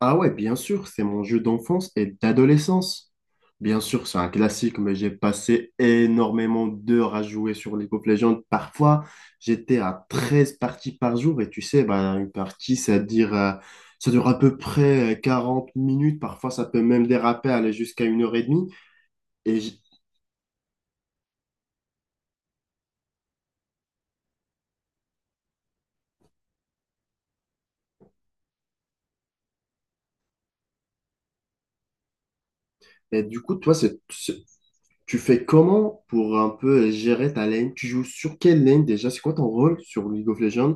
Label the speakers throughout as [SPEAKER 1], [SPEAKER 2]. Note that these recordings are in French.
[SPEAKER 1] Ah ouais, bien sûr, c'est mon jeu d'enfance et d'adolescence. Bien sûr, c'est un classique, mais j'ai passé énormément d'heures à jouer sur League of Legends. Parfois, j'étais à 13 parties par jour et tu sais, bah, une partie, ça dure à peu près 40 minutes. Parfois, ça peut même déraper, aller jusqu'à une heure et demie. Et, j- et du coup, toi, tu fais comment pour un peu gérer ta lane? Tu joues sur quelle lane déjà? C'est quoi ton rôle sur League of Legends?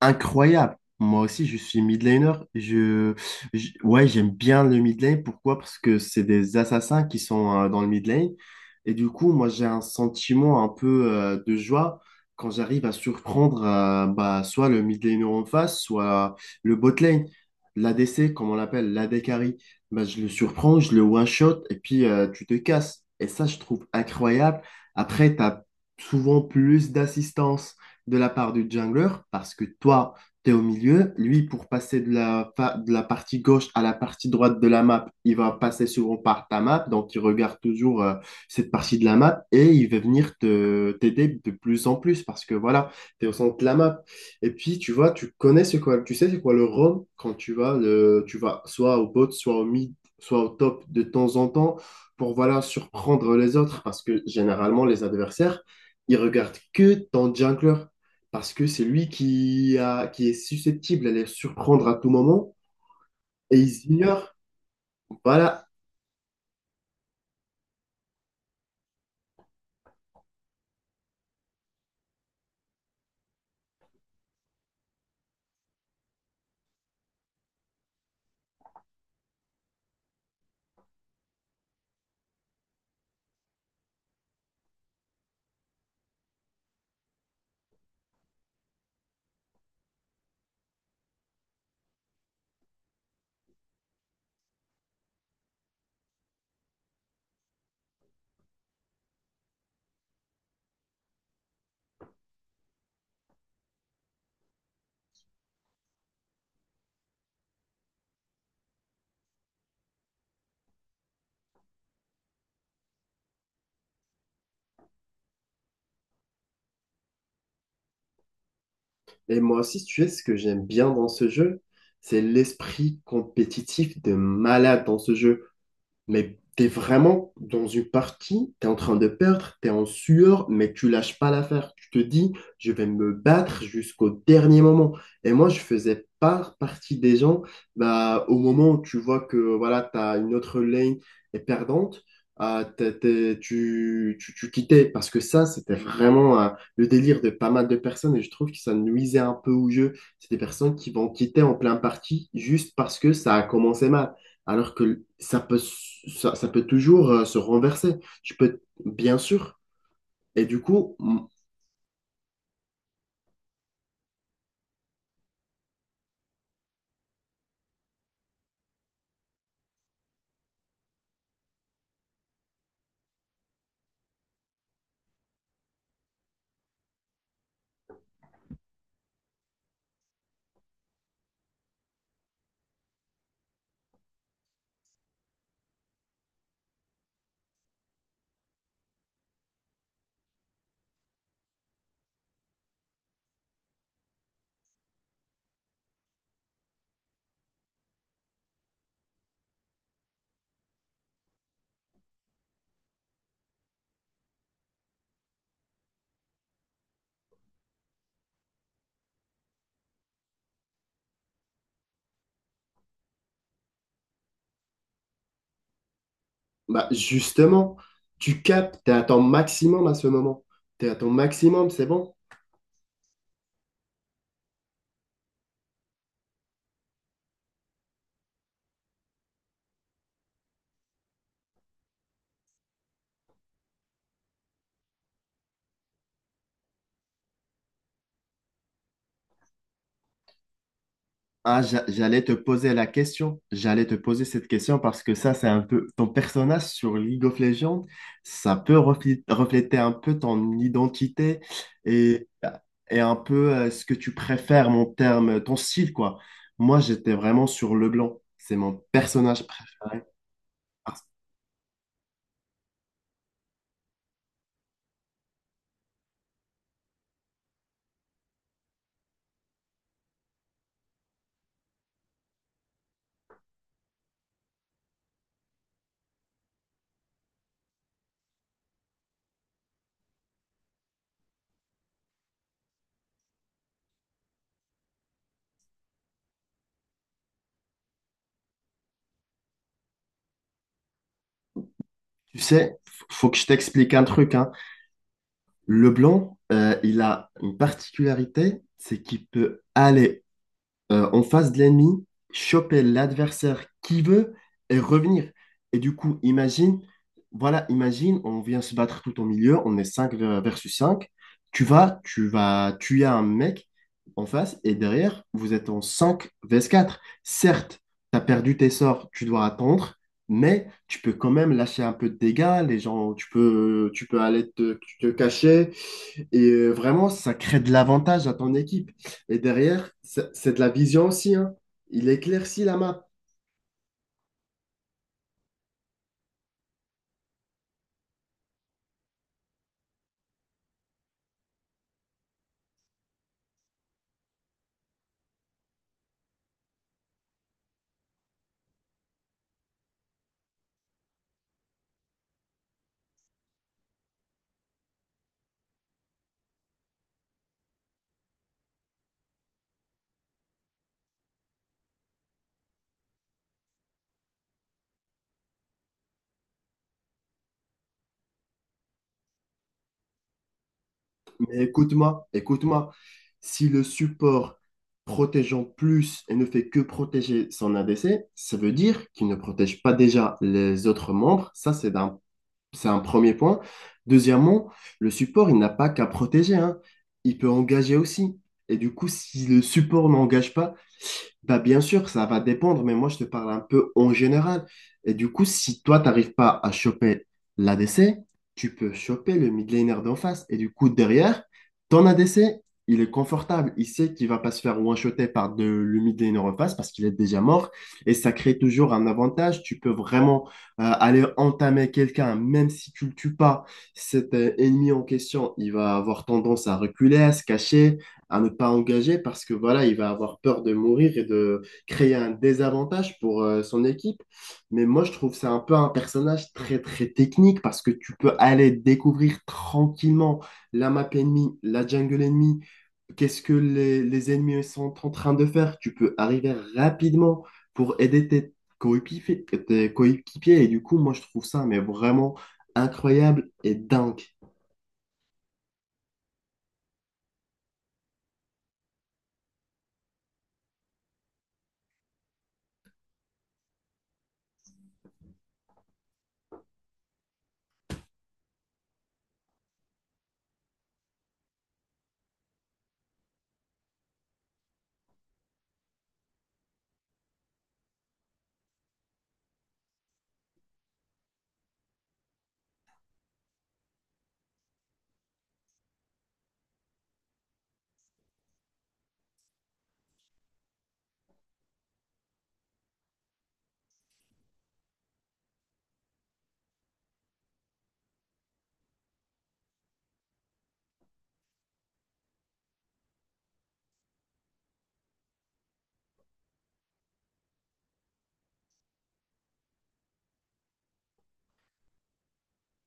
[SPEAKER 1] Incroyable. Moi aussi, je suis mid laner. Ouais, j'aime bien le mid lane. Pourquoi? Parce que c'est des assassins qui sont dans le mid lane. Et du coup, moi, j'ai un sentiment un peu de joie quand j'arrive à surprendre bah, soit le mid laner en face, soit le bot lane. L'ADC, comme on l'appelle, l'AD carry. Bah, je le surprends, je le one-shot et puis tu te casses. Et ça, je trouve incroyable. Après, tu as souvent plus d'assistance de la part du jungler parce que toi, tu es au milieu. Lui, pour passer de la partie gauche à la partie droite de la map, il va passer souvent par ta map. Donc, il regarde toujours cette partie de la map et il va venir t'aider de plus en plus parce que voilà, tu es au centre de la map. Et puis, tu vois, tu connais ce quoi, tu sais c'est quoi le roam quand tu vas soit au bot, soit au mid, soit au top de temps en temps pour voilà, surprendre les autres parce que généralement, les adversaires, ils regardent que ton jungler parce que c'est lui qui est susceptible à les surprendre à tout moment et ils ignorent. Voilà. Et moi aussi, si tu sais, ce que j'aime bien dans ce jeu, c'est l'esprit compétitif de malade dans ce jeu. Mais t'es vraiment dans une partie, t'es en train de perdre, t'es en sueur, mais tu lâches pas l'affaire. Tu te dis, je vais me battre jusqu'au dernier moment. Et moi, je faisais pas partie des gens, bah, au moment où tu vois que voilà, t'as une autre lane est perdante, ah, tu quittais. Parce que ça, c'était vraiment le délire de pas mal de personnes et je trouve que ça nuisait un peu au jeu. C'est des personnes qui vont quitter en plein parti juste parce que ça a commencé mal. Alors que ça peut toujours se renverser. Tu peux, bien sûr. Et du coup, bah, justement, tu captes, tu es à ton maximum à ce moment. Tu es à ton maximum, c'est bon. Ah, j'allais te poser la question. J'allais te poser cette question parce que ça, c'est un peu ton personnage sur League of Legends, ça peut refléter un peu ton identité et, et un peu ce que tu préfères, mon terme, ton style, quoi. Moi, j'étais vraiment sur Leblanc. C'est mon personnage préféré. Parce que, tu sais, faut que je t'explique un truc, hein. Leblanc, il a une particularité, c'est qu'il peut aller en face de l'ennemi, choper l'adversaire qui veut et revenir. Et du coup, imagine, voilà, imagine, on vient se battre tout au milieu, on est 5 versus cinq. Tu vas tuer un mec en face et derrière, vous êtes en 5 vs quatre. Certes, tu as perdu tes sorts, tu dois attendre. Mais tu peux quand même lâcher un peu de dégâts, les gens, tu peux aller te cacher. Et vraiment, ça crée de l'avantage à ton équipe. Et derrière, c'est de la vision aussi, hein. Il éclaircit la map. Mais écoute-moi, écoute-moi. Si le support protège en plus et ne fait que protéger son ADC, ça veut dire qu'il ne protège pas déjà les autres membres. Ça, c'est c'est un premier point. Deuxièmement, le support, il n'a pas qu'à protéger, hein. Il peut engager aussi. Et du coup, si le support n'engage pas, bah, bien sûr, ça va dépendre, mais moi, je te parle un peu en général. Et du coup, si toi, t'arrives pas à choper l'ADC, tu peux choper le mid laner d'en face. Et du coup, derrière, ton ADC, il est confortable. Il sait qu'il va pas se faire one-shotter par le mid laner en face parce qu'il est déjà mort. Et ça crée toujours un avantage. Tu peux vraiment aller entamer quelqu'un, même si tu le tues pas. Cet ennemi en question, il va avoir tendance à reculer, à se cacher à ne pas engager parce que voilà, il va avoir peur de mourir et de créer un désavantage pour son équipe. Mais moi, je trouve c'est un peu un personnage très très technique parce que tu peux aller découvrir tranquillement la map ennemie, la jungle ennemie, qu'est-ce que les ennemis sont en train de faire. Tu peux arriver rapidement pour aider tes coéquipiers. Et du coup, moi, je trouve ça mais vraiment incroyable et dingue.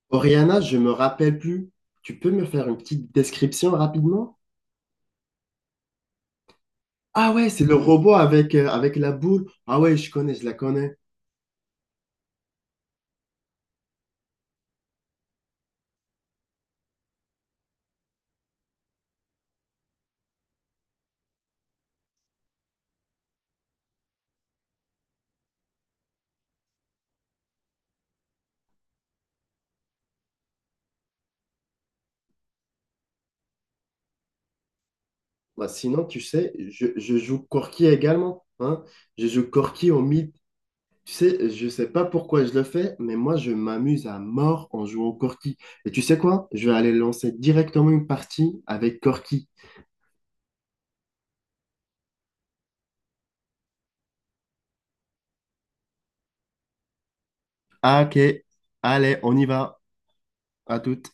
[SPEAKER 1] Oriana, je me rappelle plus. Tu peux me faire une petite description rapidement? Ah ouais, c'est le robot avec la boule. Ah ouais, je connais, je la connais. Bah, sinon, tu sais, je joue Corki également. Hein? Je joue Corki au mythe. Tu sais, je sais pas pourquoi je le fais, mais moi, je m'amuse à mort en jouant au Corki. Et tu sais quoi? Je vais aller lancer directement une partie avec Corki. Ah, ok. Allez, on y va. À toute.